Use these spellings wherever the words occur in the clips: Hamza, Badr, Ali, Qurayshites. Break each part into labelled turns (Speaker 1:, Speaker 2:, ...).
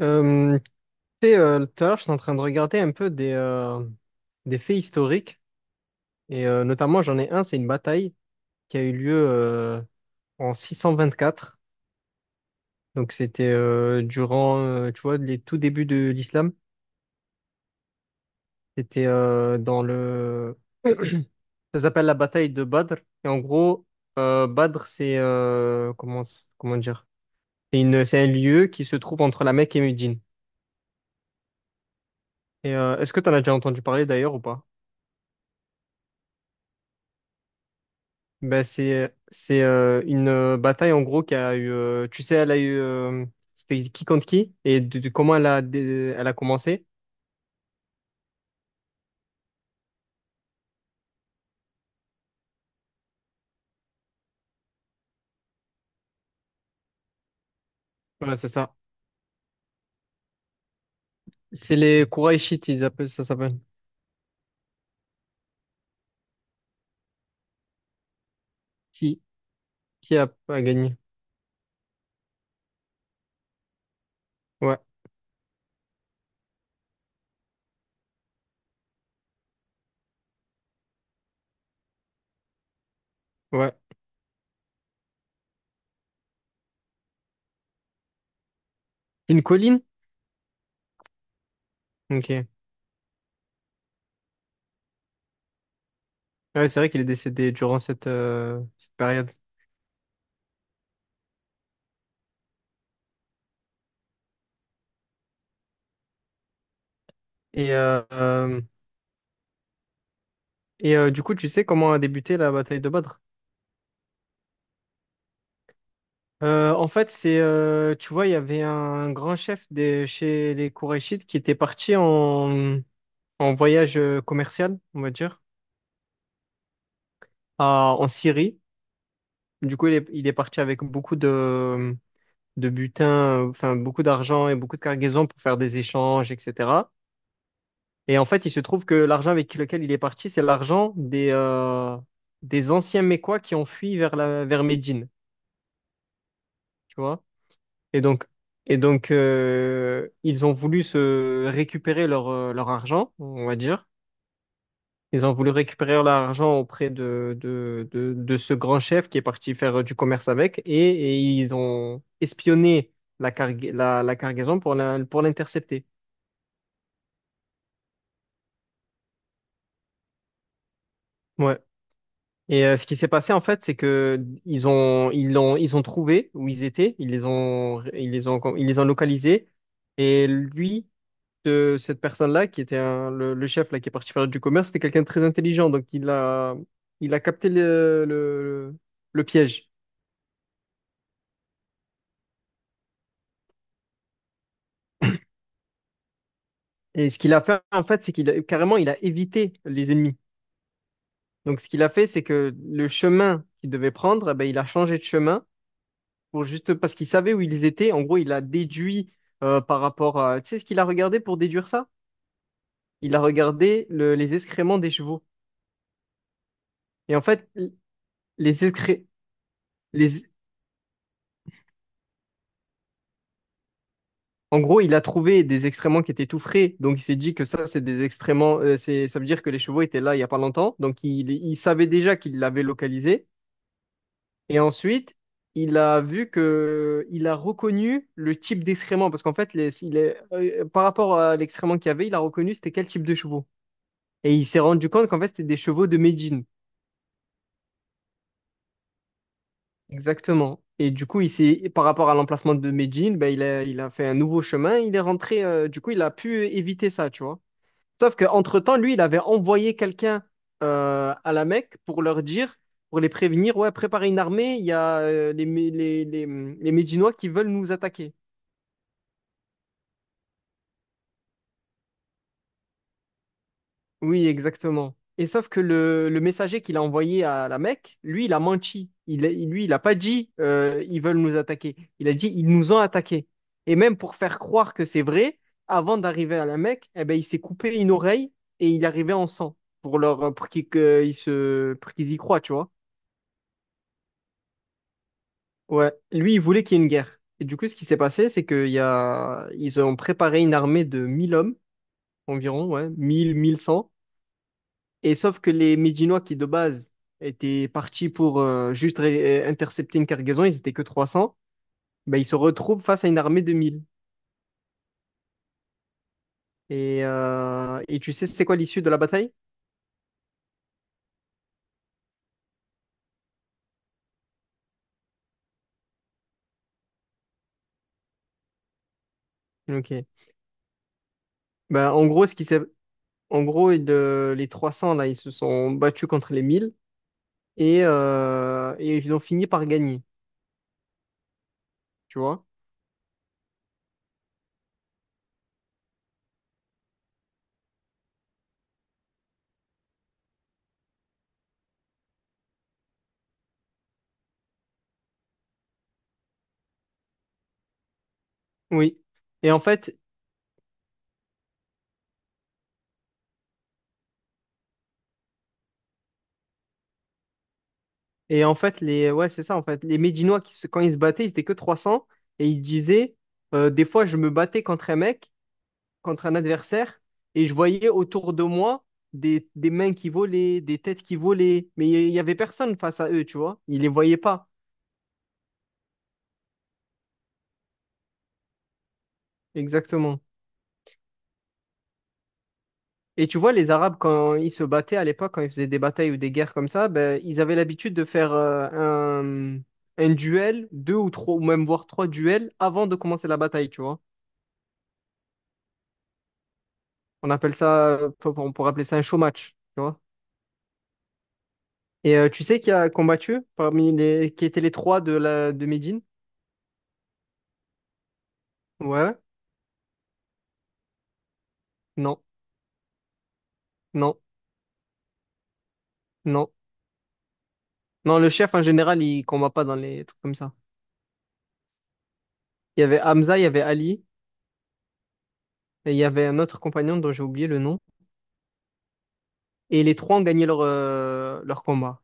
Speaker 1: Euh, Tu sais, tout à l'heure, je suis en train de regarder un peu des faits historiques, et notamment, j'en ai un, c'est une bataille qui a eu lieu en 624. Donc, c'était durant, tu vois, les tout débuts de l'islam. C'était euh, dans le... Ça s'appelle la bataille de Badr. Et en gros, Badr, c'est comment dire? C'est un lieu qui se trouve entre la Mecque et Médine. Et est-ce que tu en as déjà entendu parler d'ailleurs ou pas? Ben c'est une bataille en gros qui a eu tu sais elle a eu c'était qui contre qui et de comment elle a commencé. Ouais, c'est ça. C'est les Qurayshites, ils appellent ça s'appelle. Qui qui a gagné? Ouais, ouais. Une colline. Ok. Ouais, c'est vrai qu'il est décédé durant cette période. et euh, euh, du coup, tu sais comment a débuté la bataille de Badr? En fait, c'est tu vois, il y avait un grand chef chez les Qurayshites qui était parti en voyage commercial, on va dire, en Syrie. Du coup, il est parti avec beaucoup de butin, enfin beaucoup d'argent et beaucoup de cargaisons pour faire des échanges, etc. Et en fait, il se trouve que l'argent avec lequel il est parti, c'est l'argent des anciens Mécois qui ont fui vers vers Médine, tu vois. Et donc, et donc ils ont voulu se récupérer leur argent, on va dire. Ils ont voulu récupérer l'argent auprès de ce grand chef qui est parti faire du commerce avec et ils ont espionné la cargaison pour l'intercepter. Ouais. Et ce qui s'est passé en fait, c'est que ils ont trouvé où ils étaient, ils les ont localisés et lui de cette personne-là qui était le chef là qui est parti faire du commerce, c'était quelqu'un de très intelligent. Donc il a capté le le piège. Et ce qu'il a fait, en fait, c'est carrément, il a évité les ennemis. Donc, ce qu'il a fait, c'est que le chemin qu'il devait prendre, eh ben, il a changé de chemin pour juste parce qu'il savait où ils étaient. En gros, il a déduit par rapport à. Tu sais ce qu'il a regardé pour déduire ça? Il a regardé les excréments des chevaux. Et en fait, les excré... les... en gros, il a trouvé des excréments qui étaient tout frais. Donc, il s'est dit que ça, c'est des excréments. Ça veut dire que les chevaux étaient là il n'y a pas longtemps. Donc, il savait déjà qu'il l'avait localisé. Et ensuite, il a reconnu le type d'excrément parce qu'en fait, par rapport à l'excrément qu'il y avait, il a reconnu c'était quel type de chevaux. Et il s'est rendu compte qu'en fait, c'était des chevaux de Médine. Exactement. Et du coup, par rapport à l'emplacement de Médine, ben, il a fait un nouveau chemin. Il est rentré. Du coup, il a pu éviter ça, tu vois. Sauf qu'entre-temps, lui, il avait envoyé quelqu'un à la Mecque pour leur dire, pour les prévenir, ouais, préparez une armée. Il y a les, Mé- les Médinois qui veulent nous attaquer. Oui, exactement. Et sauf que le messager qu'il a envoyé à la Mecque, lui, il a menti. Lui, il n'a pas dit ils veulent nous attaquer. Il a dit ils nous ont attaqués. Et même pour faire croire que c'est vrai, avant d'arriver à la Mecque, eh ben, il s'est coupé une oreille et il arrivait en sang pour qu'ils que- ils se pour qu'ils y croient, tu vois. Ouais, lui, il voulait qu'il y ait une guerre. Et du coup, ce qui s'est passé, c'est qu'il y a ils ont préparé une armée de 1 000 hommes environ, ouais, 1 100. Et sauf que les Médinois qui de base étaient partis pour intercepter une cargaison, ils étaient que 300, ben, ils se retrouvent face à une armée de 1 000. Et tu sais c'est quoi l'issue de la bataille? Ok. Ben, en gros, ce qui s'est- en gros les 300 là, ils se sont battus contre les 1 000 et ils ont fini par gagner, tu vois? Oui. Et en fait, et en fait les Ouais, c'est ça. En fait, les Médinois quand ils se battaient, ils étaient que 300 et ils disaient des fois je me battais contre un adversaire et je voyais autour de moi des mains qui volaient, des têtes qui volaient, mais il n'y avait personne face à eux, tu vois. Ils les voyaient pas, exactement. Et tu vois, les Arabes, quand ils se battaient à l'époque, quand ils faisaient des batailles ou des guerres comme ça, ben, ils avaient l'habitude de faire un duel, deux ou trois, ou même voire trois duels avant de commencer la bataille, tu vois. On appelle ça, on pourrait appeler ça un show match, tu vois. Et tu sais qui a combattu parmi qui étaient les trois de de Médine? Ouais, non, non. Non. Non, le chef, en général, il combat pas dans les trucs comme ça. Il y avait Hamza, il y avait Ali, et il y avait un autre compagnon dont j'ai oublié le nom. Et les trois ont gagné leur combat.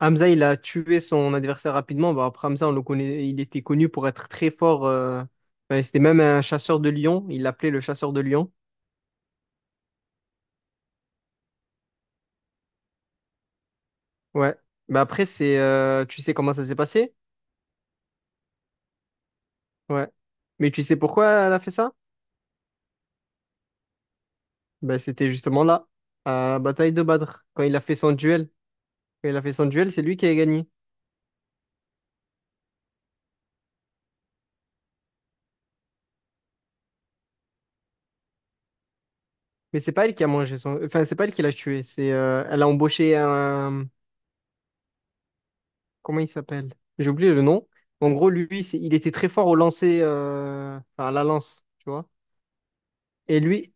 Speaker 1: Hamza, il a tué son adversaire rapidement. Bah, après Hamza, on le connaît, il était connu pour être très fort. Enfin, c'était même un chasseur de lions. Il l'appelait le chasseur de lions. Ouais. Bah après, tu sais comment ça s'est passé? Ouais. Mais tu sais pourquoi elle a fait ça? Bah, c'était justement là, à la bataille de Badr, quand il a fait son duel. Quand il a fait son duel, c'est lui qui a gagné. Mais c'est pas elle qui a mangé son... Enfin, c'est pas elle qui l'a tué. Elle a embauché un... Comment il s'appelle? J'ai oublié le nom. En gros, lui, il était très fort au lancer... Enfin, à la lance, tu vois. Et lui,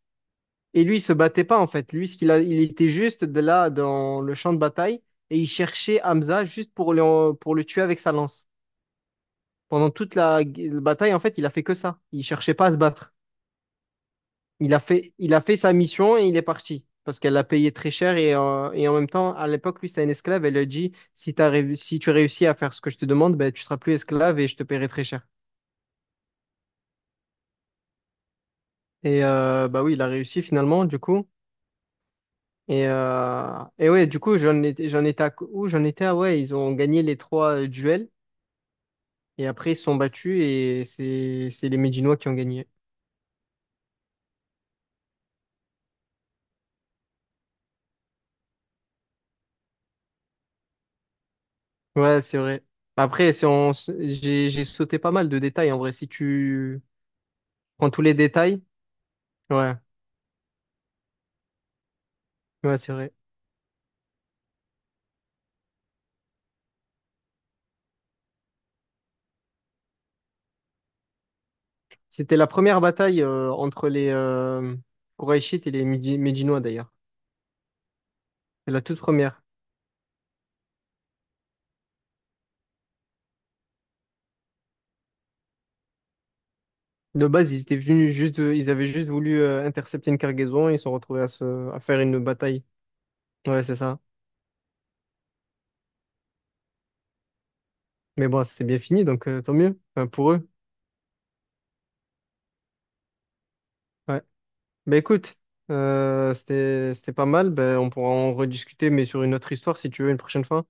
Speaker 1: et lui, il se battait pas, en fait. Lui, ce qu'il a... il était juste de là, dans le champ de bataille, et il cherchait Hamza juste pour le tuer avec sa lance. Pendant toute la bataille, en fait, il a fait que ça. Il cherchait pas à se battre. Il a fait sa mission et il est parti. Parce qu'elle l'a payé très cher et en même temps, à l'époque, lui, c'était un esclave. Elle lui a dit, si si tu réussis à faire ce que je te demande, ben, tu seras plus esclave et je te paierai très cher. Et bah oui, il a réussi finalement, du coup. Et ouais, du coup, j'en étais à où? J'en étais à, ouais, ils ont gagné les trois duels. Et après, ils se sont battus et c'est les Médinois qui ont gagné. Ouais, c'est vrai. Après, si on s- j'ai sauté pas mal de détails en vrai. Si tu prends tous les détails, ouais, ouais, c'est vrai. C'était la première bataille entre les Qurayshites et les Médinois d'ailleurs. C'est la toute première. De base, ils avaient juste voulu intercepter une cargaison, ils se sont retrouvés à faire une bataille. Ouais, c'est ça. Mais bon, c'est bien fini, donc tant mieux. Enfin, pour eux. Ouais. Bah écoute, c'était pas mal. Ben on pourra en rediscuter, mais sur une autre histoire si tu veux une prochaine fois.